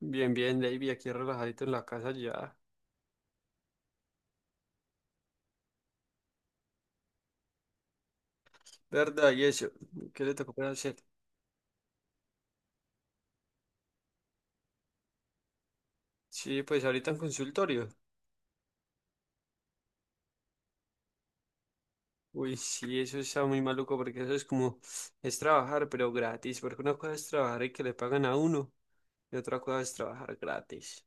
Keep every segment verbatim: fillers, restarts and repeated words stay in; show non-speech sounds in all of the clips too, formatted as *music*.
Bien, bien, David, aquí relajadito en la casa ya. ¿Verdad? ¿Y eso? ¿Qué le tocó para hacer? Sí, pues ahorita en consultorio. Uy, sí, eso está muy maluco porque eso es como, es trabajar, pero gratis, porque una cosa es trabajar y que le pagan a uno, y otra cosa es trabajar gratis.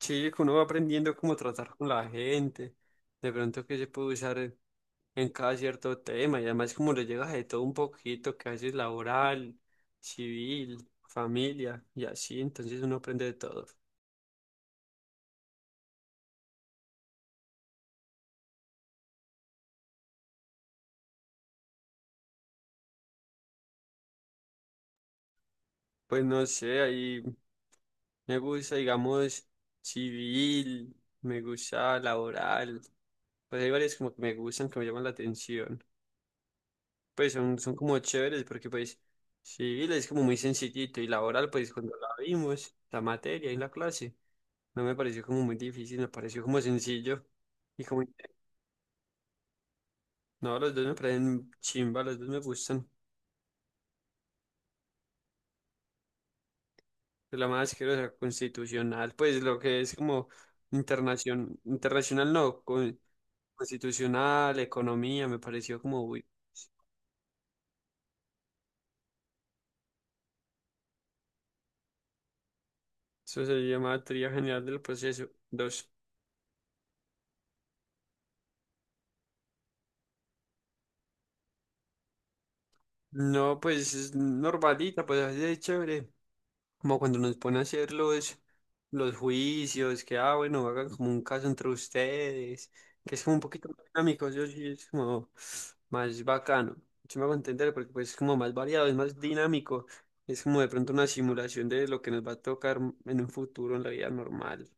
Sí, que uno va aprendiendo cómo tratar con la gente, de pronto que se puede usar en en cada cierto tema, y además como le llegas de todo un poquito, que a veces laboral, civil, familia, y así, entonces uno aprende de todo. Pues no sé, ahí me gusta, digamos, civil, me gusta laboral, pues hay varias como que me gustan, que me llaman la atención. Pues son, son como chéveres porque pues civil es como muy sencillito y laboral pues cuando la vimos, la materia y la clase, no me pareció como muy difícil, me pareció como sencillo. Y como, no, los dos me parecen chimba, los dos me gustan. Pero la más asquerosa, constitucional, pues lo que es como internacional, internacional no, con constitucional, economía, me pareció como, uy, eso se llama teoría general del proceso. Dos. No, pues es normalita, pues así de chévere. Como cuando nos ponen a hacer los, los juicios, que, ah, bueno, hagan como un caso entre ustedes, que es como un poquito más dinámico, eso sí es como más bacano. Yo me hago entender porque pues es como más variado, es más dinámico. Es como de pronto una simulación de lo que nos va a tocar en un futuro en la vida normal.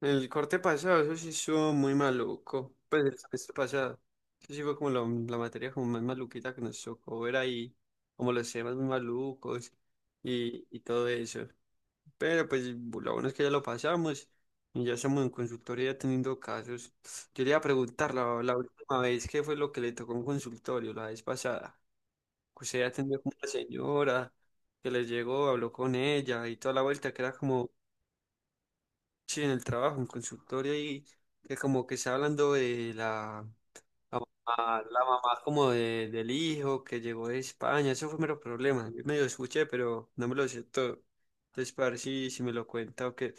El corte pasado, eso sí estuvo muy maluco. Pues el semestre pasado. Eso sí fue como la, la materia como más maluquita que nos tocó ver ahí. Como los temas muy malucos y, y todo eso. Pero pues lo bueno es que ya lo pasamos. Y ya estamos en consultoría teniendo casos. Yo le iba a preguntar la, la última vez qué fue lo que le tocó en consultorio, la vez pasada. Que usted atendió con una señora que les llegó, habló con ella y toda la vuelta que era como sí, en el trabajo, en consultorio, y que como que está hablando de la, la mamá, la mamá como de, del hijo que llegó de España, eso fue mero problema. Yo medio escuché, pero no me lo sé todo. Entonces, para ver si, si me lo cuenta o qué.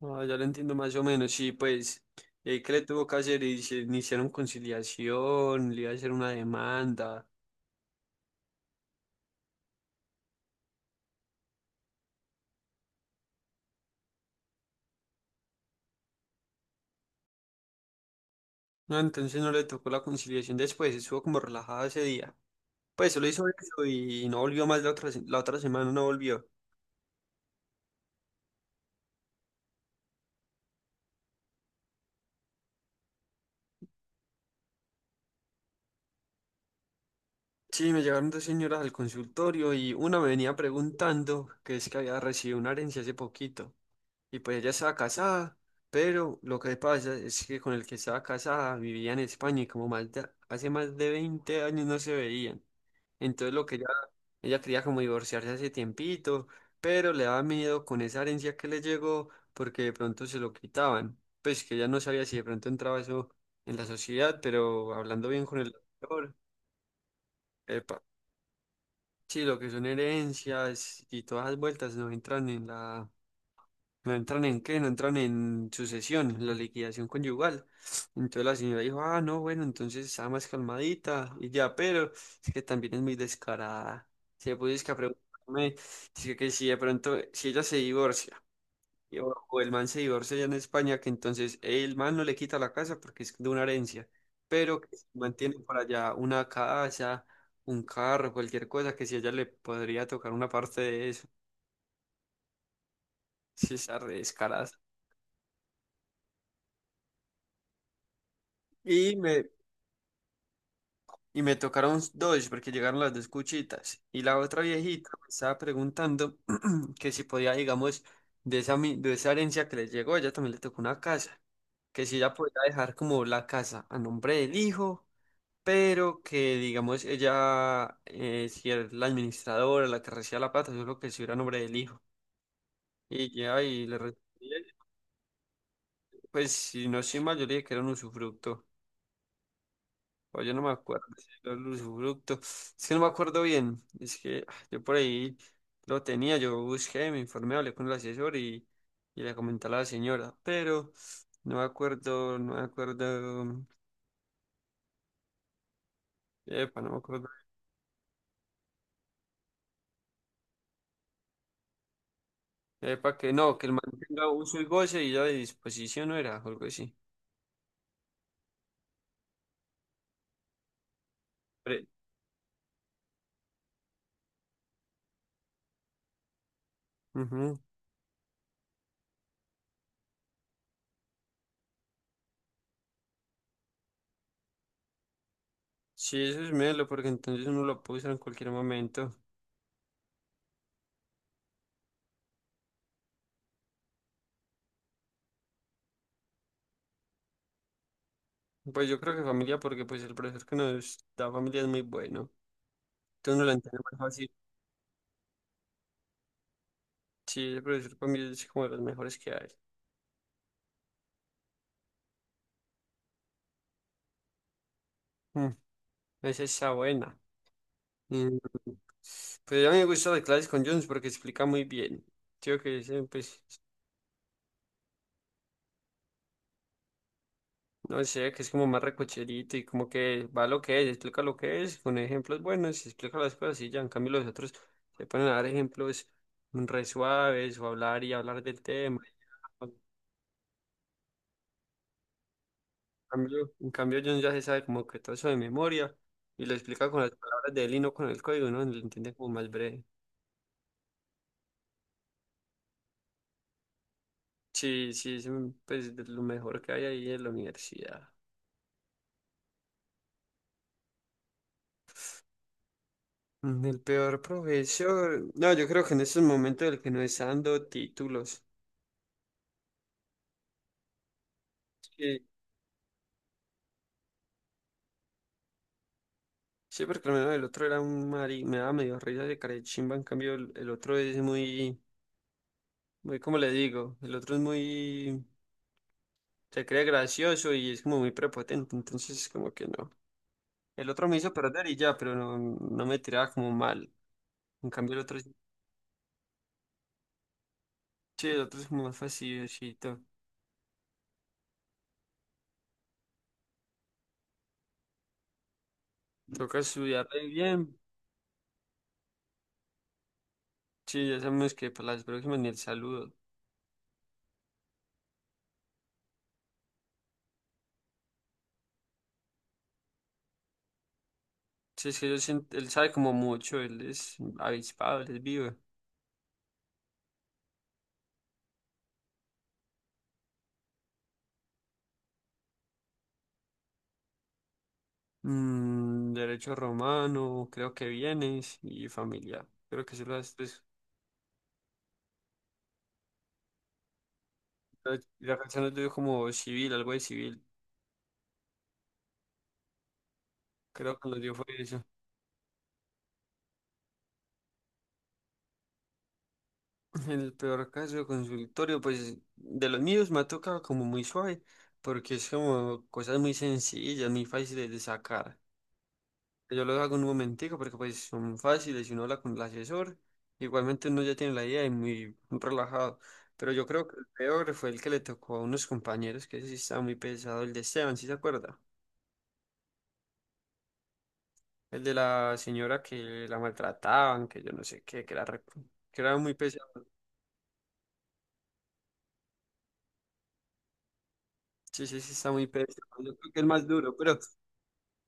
No, ya lo entiendo más o menos. Sí, pues, eh, ¿qué le tuvo que hacer? Y se iniciaron conciliación, le iba a hacer una demanda. No, entonces no le tocó la conciliación después, estuvo como relajada ese día. Pues, solo hizo eso y no volvió más la otra, se- la otra semana, no volvió. Sí, me llegaron dos señoras al consultorio y una me venía preguntando que es que había recibido una herencia hace poquito. Y pues ella estaba casada, pero lo que pasa es que con el que estaba casada vivía en España y como más de- hace más de veinte años no se veían. Entonces lo que ella, ella quería como divorciarse hace tiempito, pero le daba miedo con esa herencia que le llegó porque de pronto se lo quitaban. Pues que ella no sabía si de pronto entraba eso en la sociedad, pero hablando bien con el doctor. Sí, lo que son herencias y todas las vueltas no entran en la, no entran en qué, no entran en sucesión, en la liquidación conyugal. Entonces la señora dijo, ah, no, bueno, entonces está más calmadita y ya, pero es que también es muy descarada. Si le pudiese que a preguntarme, dice que si de pronto, si ella se divorcia y- O, o el man se divorcia ya en España, que entonces el man no le quita la casa porque es de una herencia, pero que si mantiene por allá una casa, un carro, cualquier cosa, que si a ella le podría tocar una parte de eso, si está re descarada. Y me, y me tocaron dos, porque llegaron las dos cuchitas. Y la otra viejita me estaba preguntando *clears throat* que si podía, digamos, de esa, mi- de esa herencia que les llegó, ella también le tocó una casa, que si ella podía dejar como la casa a nombre del hijo pero que digamos ella eh, si era la administradora, la que recibía la plata, yo creo que si era nombre del hijo. Y ya, y le respondía, pues si no soy mal, yo le dije que era un usufructo. O yo no me acuerdo si era un usufructo. Es que no me acuerdo bien. Es que ah, yo por ahí lo tenía, yo busqué, me informé, hablé con el asesor y, y le comenté a la señora, pero no me acuerdo, no me acuerdo. Epa, no me acuerdo. Epa, que no, que el man tenga uso y goce y ya de disposición no era, o algo así. Pre- Ujú. Sí, eso es melo, porque entonces uno lo puede usar en cualquier momento. Pues yo creo que familia, porque pues el profesor que nos da familia es muy bueno. Entonces uno lo entiende más fácil. Sí, el profesor para mí es como de los mejores que hay. Mm. Esa está buena. Mm. Pues a mí me gusta las clases con Jones porque explica muy bien. Creo que ese, pues, no sé, que es como más recocherito y como que va lo que es, explica lo que es, con ejemplos buenos, explica las cosas y ya, en cambio los otros se ponen a dar ejemplos re suaves o hablar y hablar del tema. En cambio, en cambio John ya se sabe como que todo eso de memoria y lo explica con las palabras de él y no con el código, ¿no? Lo entiende como más breve. Sí, sí, es un- pues de lo mejor que hay ahí en la universidad. Mm, el peor profesor, no, yo creo que en estos momentos el que no está dando títulos. Sí. Sí, porque al menos el otro era un mari, me daba medio risa de carechimba, en cambio el, el otro es muy, muy, como le digo, el otro es muy, se cree gracioso y es como muy prepotente, entonces como que no. El otro me hizo perder y ya, pero no, no me tiraba como mal. En cambio el otro, es- sí, el otro es como más facilito. Toca estudiar re bien, sí, ya sabemos que para las próximas ni el saludo. Sí, es que yo siento- él sabe como mucho, él es avispado, él es vivo. Mm, derecho romano, creo que bienes y familia. Creo que se las, pues, la la canción nos dio como civil, algo de civil. Creo que nos dio fue eso. *laughs* En el peor caso, consultorio, pues de los míos me ha tocado como muy suave, porque es como cosas muy sencillas, muy fáciles de sacar. Yo lo hago en un momentico porque pues son fáciles y uno habla con el asesor. Igualmente uno ya tiene la idea y muy relajado. Pero yo creo que el peor fue el que le tocó a unos compañeros, que ese sí estaba muy pesado, el de Esteban, ¿sí se acuerda? El de la señora que la maltrataban, que yo no sé qué, que era, re- que era muy pesado. Sí, sí, sí, está muy pesado. Yo creo que es más duro, pero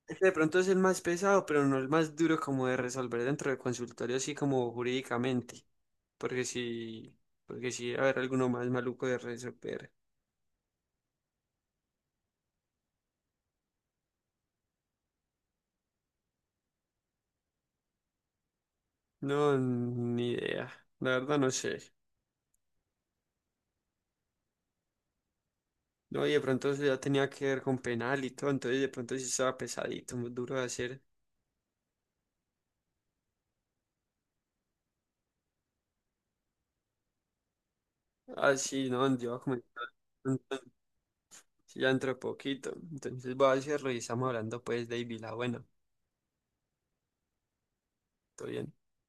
ese de pronto es el más pesado, pero no el más duro como de resolver dentro del consultorio, así como jurídicamente. Porque si porque sí, a ver, alguno más maluco de resolver. No, ni idea. La verdad no sé. No, y de pronto eso ya tenía que ver con penal y todo, entonces de pronto sí estaba pesadito, muy duro de hacer. Así, no, yo voy a comentar. Entonces, ya dentro de poquito. Entonces voy a ver si revisamos hablando pues, David, la buena. Todo bien.